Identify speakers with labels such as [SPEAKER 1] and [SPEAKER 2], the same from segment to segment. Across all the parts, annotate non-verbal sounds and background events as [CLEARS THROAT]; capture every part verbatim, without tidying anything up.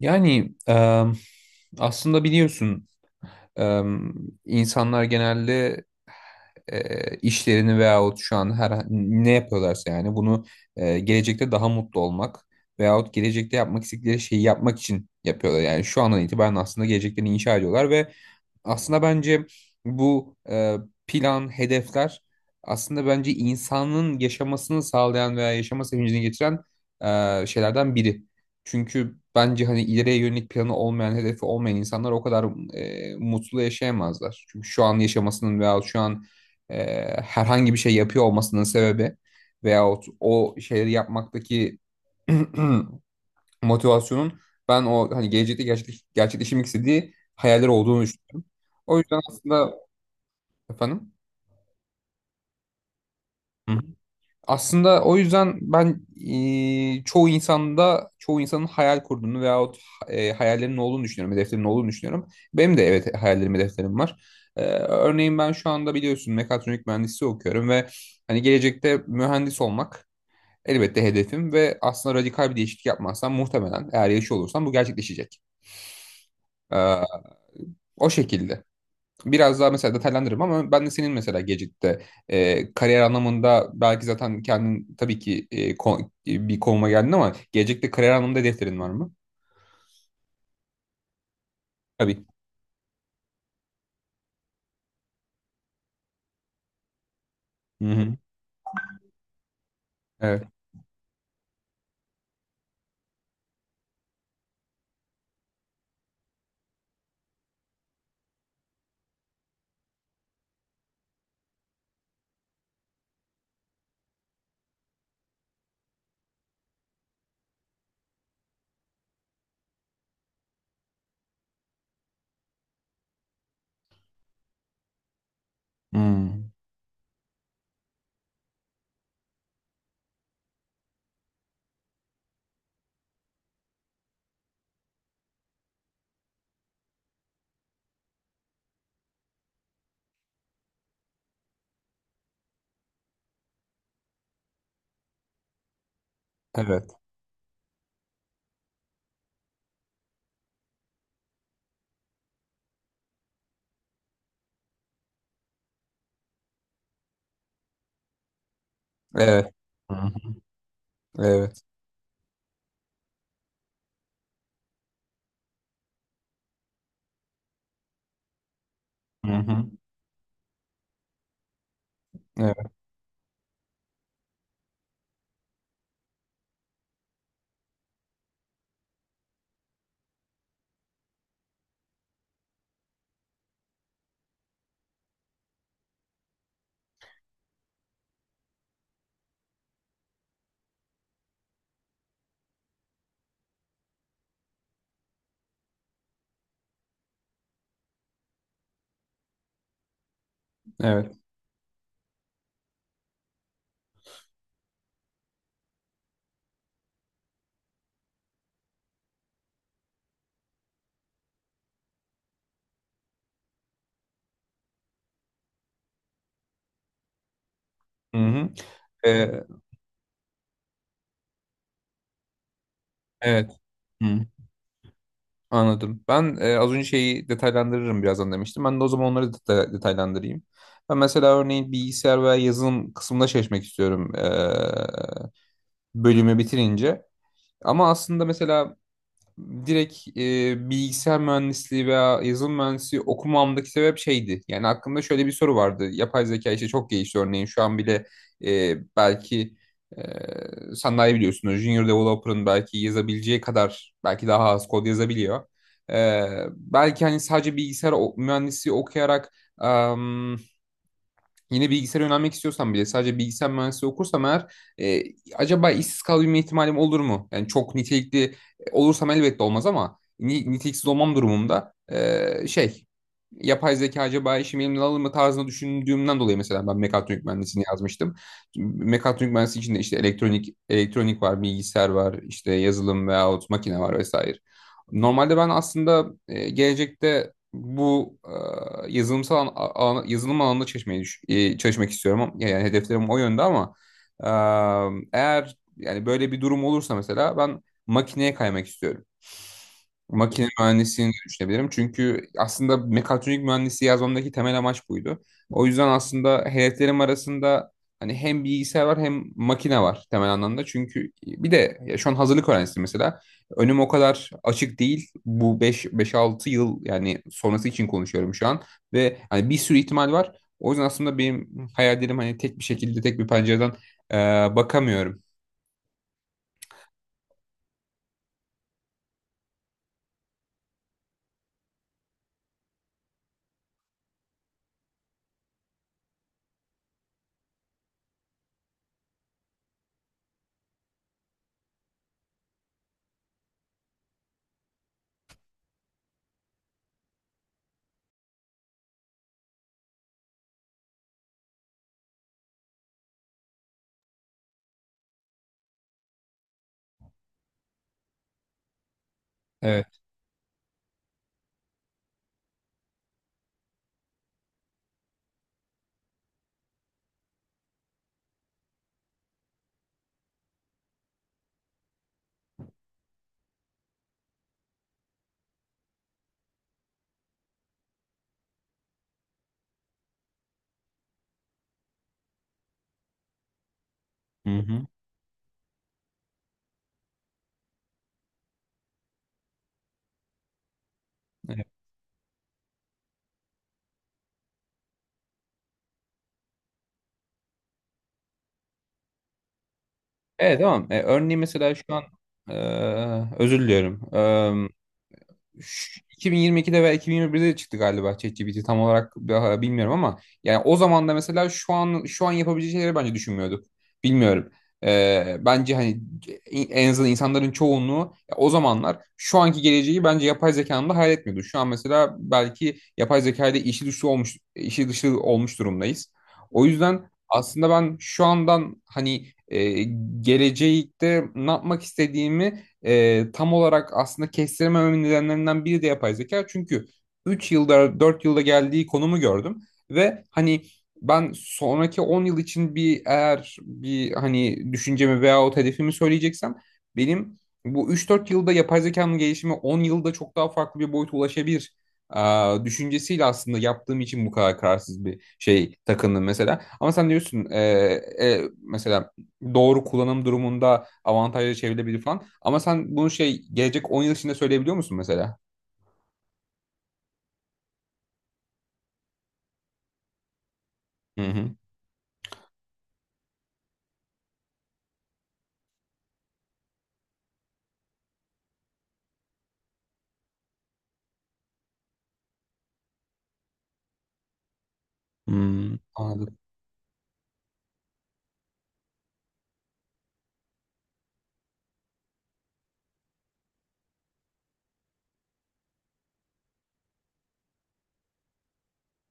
[SPEAKER 1] Yani em, aslında biliyorsun, em, insanlar genelde e, işlerini veyahut şu an her ne yapıyorlarsa yani bunu e, gelecekte daha mutlu olmak veyahut gelecekte yapmak istedikleri şeyi yapmak için yapıyorlar. Yani şu andan itibaren aslında geleceklerini inşa ediyorlar ve aslında bence bu e, plan, hedefler aslında bence insanın yaşamasını sağlayan veya yaşama sevincini getiren e, şeylerden biri. Çünkü bence hani ileriye yönelik planı olmayan, hedefi olmayan insanlar o kadar e, mutlu yaşayamazlar. Çünkü şu an yaşamasının veya şu an e, herhangi bir şey yapıyor olmasının sebebi veyahut o şeyleri yapmaktaki [CLEARS THROAT] motivasyonun ben o hani gelecekte gerçekleş, gerçekleşmek istediği hayaller olduğunu düşünüyorum. O yüzden aslında. Efendim? Hı hı. Aslında o yüzden ben e, çoğu insanda çoğu insanın hayal kurduğunu veyahut e, hayallerinin olduğunu düşünüyorum, hedeflerinin olduğunu düşünüyorum. Benim de, evet, hayallerim, hedeflerim var. E, örneğin ben şu anda biliyorsun mekatronik mühendisliği okuyorum ve hani gelecekte mühendis olmak elbette hedefim ve aslında radikal bir değişiklik yapmazsam muhtemelen eğer yaşıyor olursam bu gerçekleşecek. E, O şekilde. Biraz daha mesela detaylandırırım ama ben de senin mesela Gecik'te e, kariyer anlamında belki zaten kendin tabii ki e, ko- e, bir konuma geldin ama Gecik'te kariyer anlamında hedeflerin var mı? Tabii. Hı-hı. Evet. Hmm. Evet. Evet. Hı-hı. Evet. Hı-hı. Evet. Evet. Hı-hı. Ee, evet. Hı. Anladım. Ben e, az önce şeyi detaylandırırım birazdan demiştim. Ben de o zaman onları deta- detaylandırayım. Ben mesela örneğin bilgisayar veya yazılım kısmında çalışmak istiyorum. E, bölümü bitirince. Ama aslında mesela direkt e, bilgisayar mühendisliği veya yazılım mühendisliği okumamdaki sebep şeydi. Yani aklımda şöyle bir soru vardı. Yapay zeka işte çok gelişti örneğin. Şu an bile e, belki e, sen daha iyi biliyorsun. Junior developer'ın belki yazabileceği kadar belki daha az kod yazabiliyor. E, Belki hani sadece bilgisayar o- mühendisliği okuyarak yine bilgisayara yönelmek istiyorsam bile sadece bilgisayar mühendisliği okursam eğer e, acaba işsiz kalabilme ihtimalim olur mu? Yani çok nitelikli e, olursam elbette olmaz ama ni- niteliksiz olmam durumunda e, şey yapay zeka acaba işimi elimden alır mı tarzında düşündüğümden dolayı mesela ben mekatronik mühendisliğini yazmıştım. Mekatronik mühendisliği içinde işte elektronik elektronik var, bilgisayar var, işte yazılım veyahut makine var vesaire. Normalde ben aslında e, gelecekte bu e, yazılımsal an, a- yazılım alanında çalışmayı düş- e, çalışmak istiyorum. Yani hedeflerim o yönde ama e, eğer yani böyle bir durum olursa mesela ben makineye kaymak istiyorum. Makine mühendisliğini düşünebilirim. Çünkü aslında mekatronik mühendisliği yazmamdaki temel amaç buydu. O yüzden aslında hedeflerim arasında hani hem bilgisayar var hem makine var temel anlamda. Çünkü bir de ya şu an hazırlık öğrencisiyim mesela. Önüm o kadar açık değil. Bu beş 5-6 yıl yani sonrası için konuşuyorum şu an ve hani bir sürü ihtimal var. O yüzden aslında benim hayallerim hani tek bir şekilde tek bir pencereden e, bakamıyorum. Evet. Hı hı. Evet, Evet, tamam. E, örneğin mesela şu an e, özür diliyorum. Ş- iki bin yirmi ikide veya iki bin yirmi birde de çıktı galiba ChatGPT tam olarak bi- bilmiyorum ama yani o zaman da mesela şu an şu an yapabileceği şeyleri bence düşünmüyorduk. Bilmiyorum. Ee, bence hani en azından insanların çoğunluğu ya o zamanlar şu anki geleceği bence yapay zekanın da hayal etmiyordu. Şu an mesela belki yapay zeka ile işi dışı olmuş işi dışı olmuş durumdayız. O yüzden aslında ben şu andan hani e, gelecekte ne yapmak istediğimi e, tam olarak aslında kestiremememin nedenlerinden biri de yapay zeka. Çünkü üç yılda dört yılda geldiği konumu gördüm ve hani ben sonraki on yıl için bir eğer bir hani düşüncemi veyahut hedefimi söyleyeceksem benim bu üç dört yılda yapay zekanın gelişimi on yılda çok daha farklı bir boyuta ulaşabilir e, düşüncesiyle aslında yaptığım için bu kadar kararsız bir şey takındım mesela. Ama sen diyorsun e, e, mesela doğru kullanım durumunda avantajlı çevirebilir falan. Ama sen bunu şey gelecek on yıl içinde söyleyebiliyor musun mesela? Hı hı. Hmm, anladım.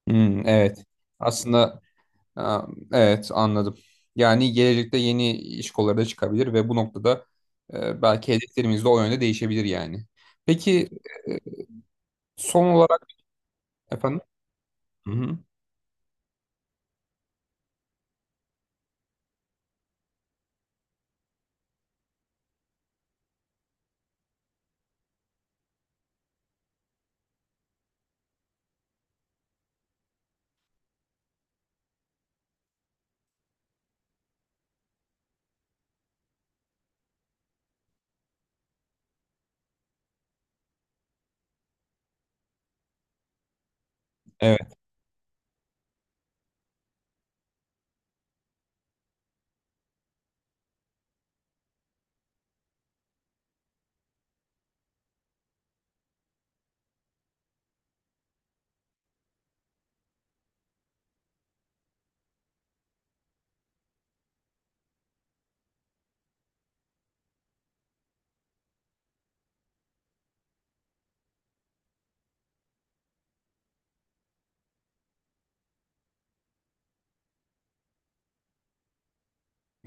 [SPEAKER 1] Hmm, evet. Aslında ha, evet, anladım. Yani gelecekte yeni iş kolları da çıkabilir ve bu noktada e, belki hedeflerimiz de o yönde değişebilir yani. Peki son olarak. Efendim? Hı hı. Evet,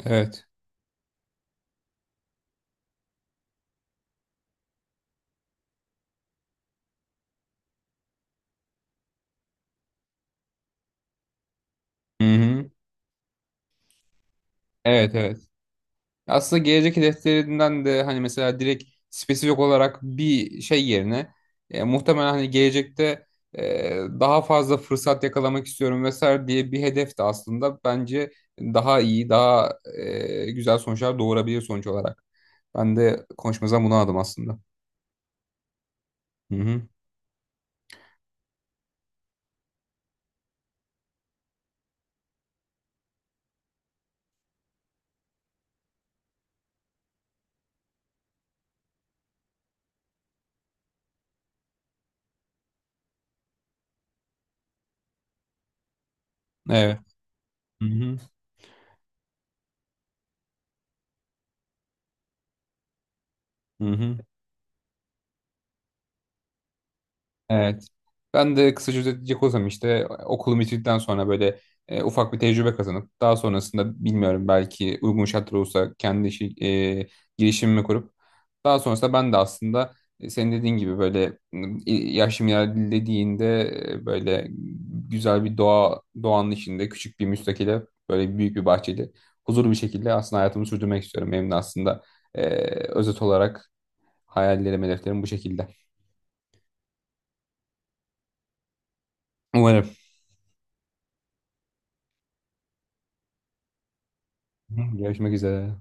[SPEAKER 1] evet. Hı hı. Evet, evet. Aslında gelecek hedeflerinden de hani mesela direkt spesifik olarak bir şey yerine e, muhtemelen hani gelecekte e, daha fazla fırsat yakalamak istiyorum vesaire diye bir hedef de aslında bence daha iyi, daha e, güzel sonuçlar doğurabilir sonuç olarak. Ben de konuşmamızdan bunu aldım aslında. Hı hı. Evet. Hı hı. Hı hı. Evet. Ben de kısaca özetleyecek olursam işte e, okulumu bitirdikten sonra böyle e, ufak bir tecrübe kazanıp daha sonrasında bilmiyorum belki uygun şartlar olursa kendi işi, e, girişimimi kurup daha sonrasında ben de aslında e, senin dediğin gibi böyle m, i- yaşım ilerlediğinde e, böyle güzel bir doğa doğanın içinde küçük bir müstakile böyle büyük bir bahçeli huzurlu bir şekilde aslında hayatımı sürdürmek istiyorum. Benim de aslında e, özet olarak hayallerim, hedeflerim bu şekilde. Umarım. Hı, görüşmek üzere.